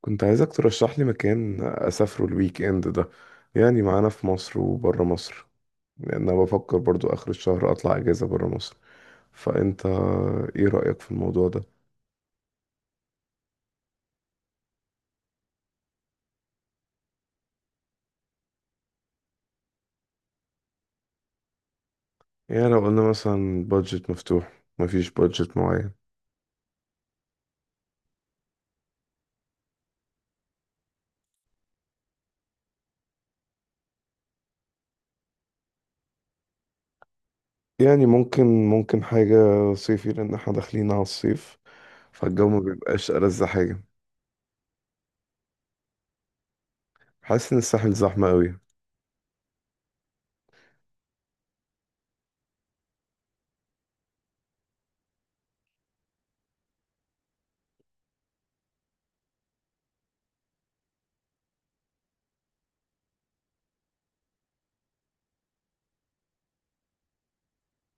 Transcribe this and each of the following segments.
كنت عايزك ترشح لي مكان أسافره الويك إند ده، يعني معانا في مصر وبره مصر، لأن أنا بفكر برضو آخر الشهر أطلع أجازة بره مصر. فأنت إيه رأيك في الموضوع ده؟ يعني لو قلنا مثلا بادجت مفتوح، مفيش بادجت معين. يعني ممكن، حاجة صيفي، لأن احنا داخلين على الصيف، فالجو ما بيبقاش ألذ حاجة. حاسس إن الساحل زحمة أوي.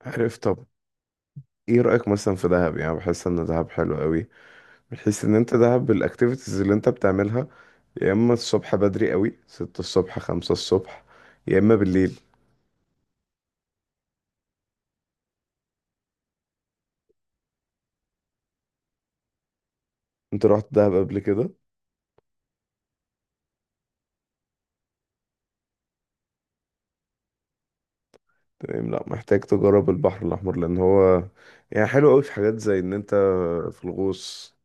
عارف، طب ايه رأيك مثلا في دهب؟ يعني بحس ان دهب حلو قوي. بحس ان انت دهب بالاكتيفيتيز اللي انت بتعملها، يا اما الصبح بدري قوي، ستة الصبح، خمسة الصبح، يا اما بالليل. انت رحت دهب قبل كده؟ تمام، لا محتاج تجرب البحر الاحمر، لان هو يعني حلو قوي في حاجات زي ان انت في الغوص.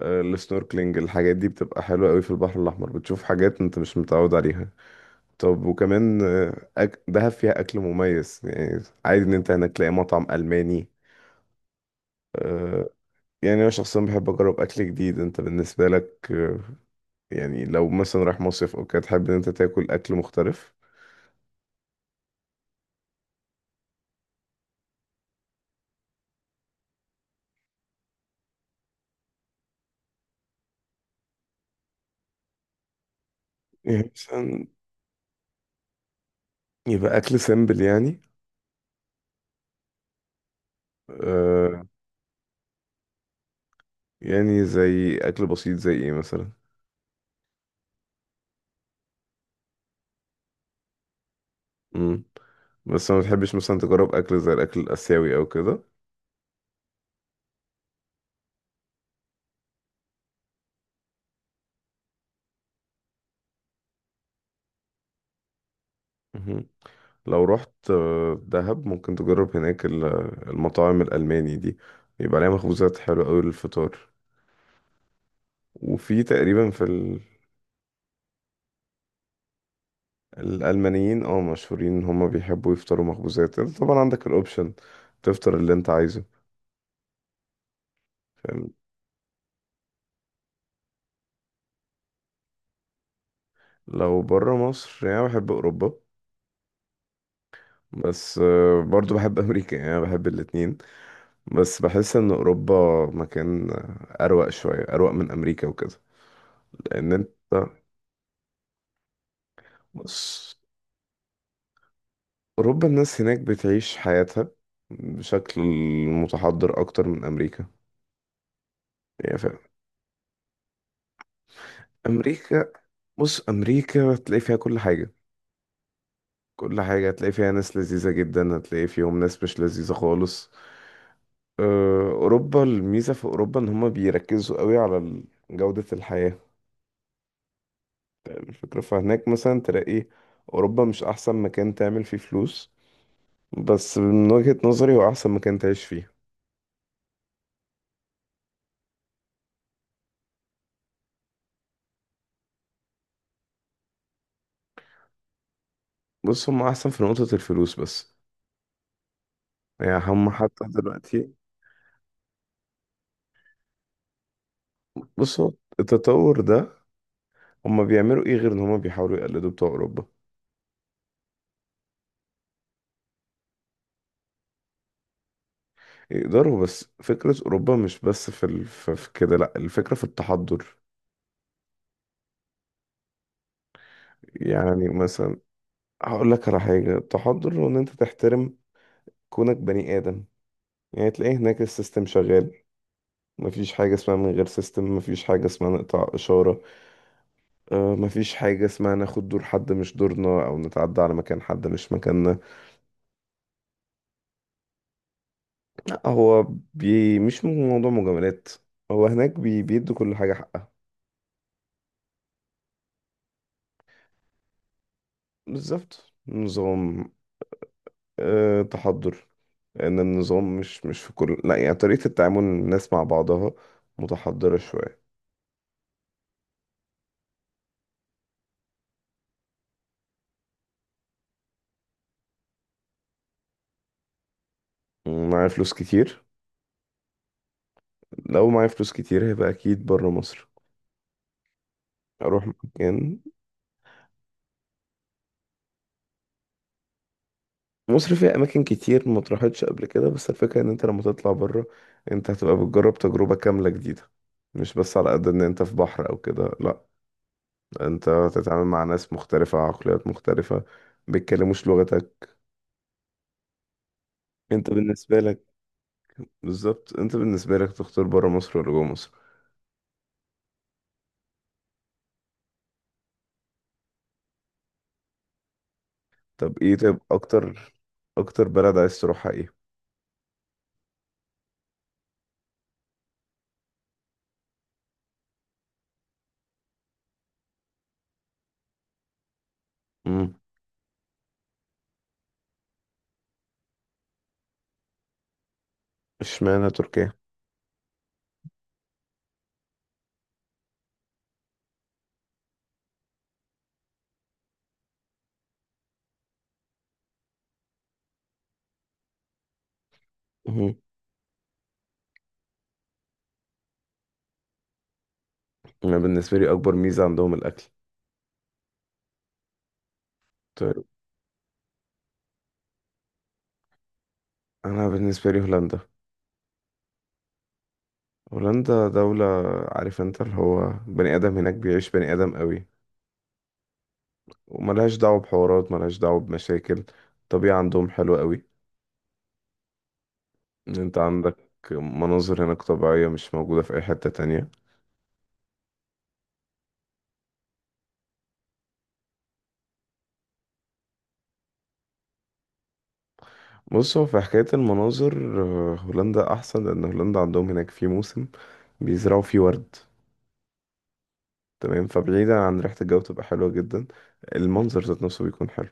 السنوركلينج، الحاجات دي بتبقى حلوة قوي في البحر الاحمر، بتشوف حاجات انت مش متعود عليها. طب وكمان دهب فيها اكل مميز، يعني عادي ان انت هناك تلاقي مطعم الماني. آه، يعني انا شخصيا بحب اجرب اكل جديد. انت بالنسبة لك يعني لو مثلا رايح مصيف او كده، تحب ان انت تاكل اكل مختلف؟ يعني مثلا يبقى اكل سيمبل يعني. آه. يعني زي اكل بسيط زي ايه مثلا؟ امم. بس ما تحبش مثلا تجرب اكل زي الاكل الاسيوي او كده؟ مهم. لو رحت دهب ممكن تجرب هناك المطاعم الالماني دي، يبقى عليها مخبوزات حلوه قوي للفطار. وفي تقريبا في ال... الالمانيين مشهورين ان هم بيحبوا يفطروا مخبوزات. انت طبعا عندك الاوبشن تفطر اللي انت عايزه. لو بره مصر يعني أنا بحب اوروبا، بس برضو بحب امريكا، يعني أنا بحب الاتنين. بس بحس ان اوروبا مكان اروق شوية، اروق من امريكا وكده. لان انت بص، اوروبا الناس هناك بتعيش حياتها بشكل متحضر اكتر من امريكا. يعني فاهم. امريكا بص، امريكا هتلاقي فيها كل حاجة. كل حاجة هتلاقي فيها ناس لذيذة جدا، هتلاقي فيهم ناس مش لذيذة خالص. أوروبا، الميزة في أوروبا إن هما بيركزوا قوي على جودة الحياة. الفكرة، فهناك مثلا تلاقي أوروبا مش أحسن مكان تعمل فيه فلوس، بس من وجهة نظري هو أحسن مكان تعيش فيه. بص هما أحسن في نقطة الفلوس بس. يعني هما حتى دلوقتي. بص، هو التطور ده هما بيعملوا إيه غير إن هما بيحاولوا يقلدوا بتوع أوروبا. يقدروا، بس فكرة أوروبا مش بس في كده، لأ، الفكرة في التحضر. يعني مثلا، هقول لك على حاجة. التحضر هو إن أنت تحترم كونك بني آدم. يعني تلاقيه هناك السيستم شغال، مفيش حاجة اسمها من غير سيستم، مفيش حاجة اسمها نقطع إشارة. مفيش حاجة اسمها ناخد دور حد مش دورنا، أو نتعدى على مكان حد مش مكاننا. لا، هو مش موضوع مجاملات، هو هناك بيدوا كل حاجة حقها. بالظبط، نظام. أه، تحضر، لأن النظام مش في كل، لا، يعني طريقة التعامل الناس مع بعضها متحضرة شوية. معايا فلوس كتير. لو معايا فلوس كتير هيبقى أكيد برا مصر، اروح مكان. مصر فيها اماكن كتير ما اتراحتش قبل كده، بس الفكره ان انت لما تطلع بره، انت هتبقى بتجرب تجربه كامله جديده، مش بس على قد ان انت في بحر او كده، لا، انت هتتعامل مع ناس مختلفه، عقليات مختلفه، بيتكلموش لغتك. انت بالنسبه لك بالظبط، انت بالنسبه لك تختار بره مصر ولا جوه مصر؟ طب، اكتر، اكتر بلد عايز تروحها ايه؟ امم. اشمعنى تركيا؟ مم. انا بالنسبه لي اكبر ميزه عندهم الاكل. طيب، انا بالنسبه لي هولندا. هولندا دولة، عارف انت اللي هو بني آدم، هناك بيعيش بني آدم قوي، وملهاش دعوة بحوارات، ملهاش دعوة بمشاكل. الطبيعة عندهم حلوة قوي، ان انت عندك مناظر هناك طبيعية مش موجودة في أي حتة تانية. بص، هو في حكاية المناظر هولندا أحسن، لأن هولندا عندهم هناك في موسم بيزرعوا فيه ورد. تمام، فبعيدا عن ريحة الجو بتبقى حلوة جدا، المنظر ذات نفسه بيكون حلو.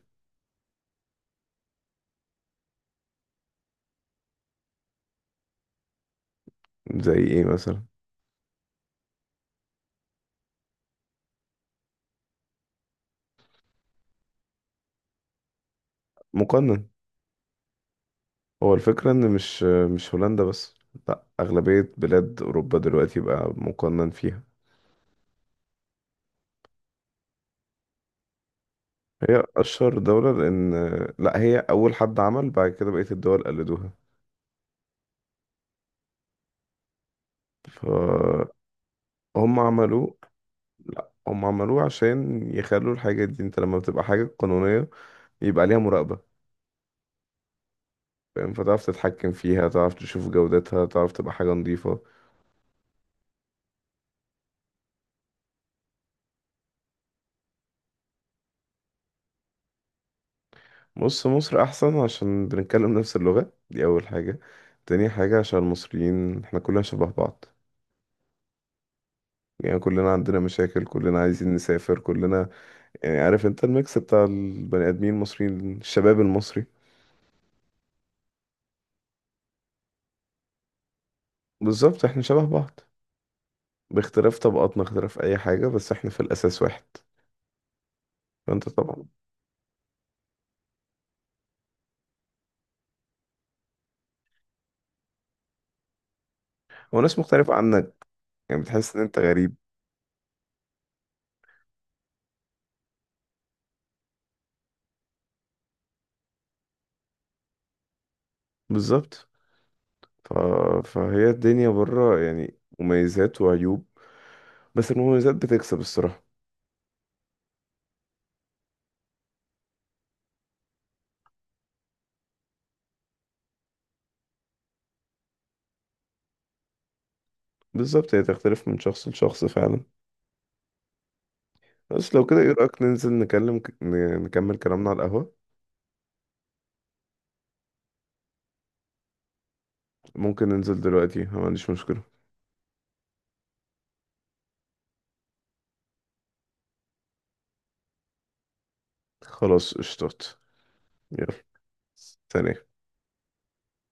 زي ايه مثلا؟ مقنن. هو الفكرة ان مش هولندا بس، لا، اغلبية بلاد اوروبا دلوقتي بقى مقنن فيها. هي اشهر دولة لان، لا، هي اول حد عمل، بعد كده بقية الدول قلدوها، فهم عملوه. لا، هم عملوه عشان يخلوا الحاجة دي، انت لما بتبقى حاجة قانونية يبقى عليها مراقبة. فاهم، فتعرف تتحكم فيها، تعرف تشوف جودتها، تعرف تبقى حاجة نظيفة. بص مصر احسن عشان بنتكلم نفس اللغة، دي اول حاجة. تاني حاجة عشان المصريين احنا كلنا شبه بعض، يعني كلنا عندنا مشاكل، كلنا عايزين نسافر كلنا. يعني عارف انت الميكس بتاع البني ادمين المصريين، الشباب المصري. بالظبط، احنا شبه بعض، باختلاف طبقاتنا، اختلاف اي حاجة، بس احنا في الاساس واحد. فانت طبعا. هو ناس مختلفة عنك، يعني بتحس ان انت غريب. بالظبط. ف... فهي الدنيا بره يعني مميزات وعيوب، بس المميزات بتكسب الصراحة. بالظبط، هي تختلف من شخص لشخص فعلا. بس لو كده، ايه رأيك ننزل نكمل كلامنا على القهوة؟ ممكن ننزل دلوقتي، أنا ما عنديش مشكلة. خلاص اشطت. يلا. ثانية.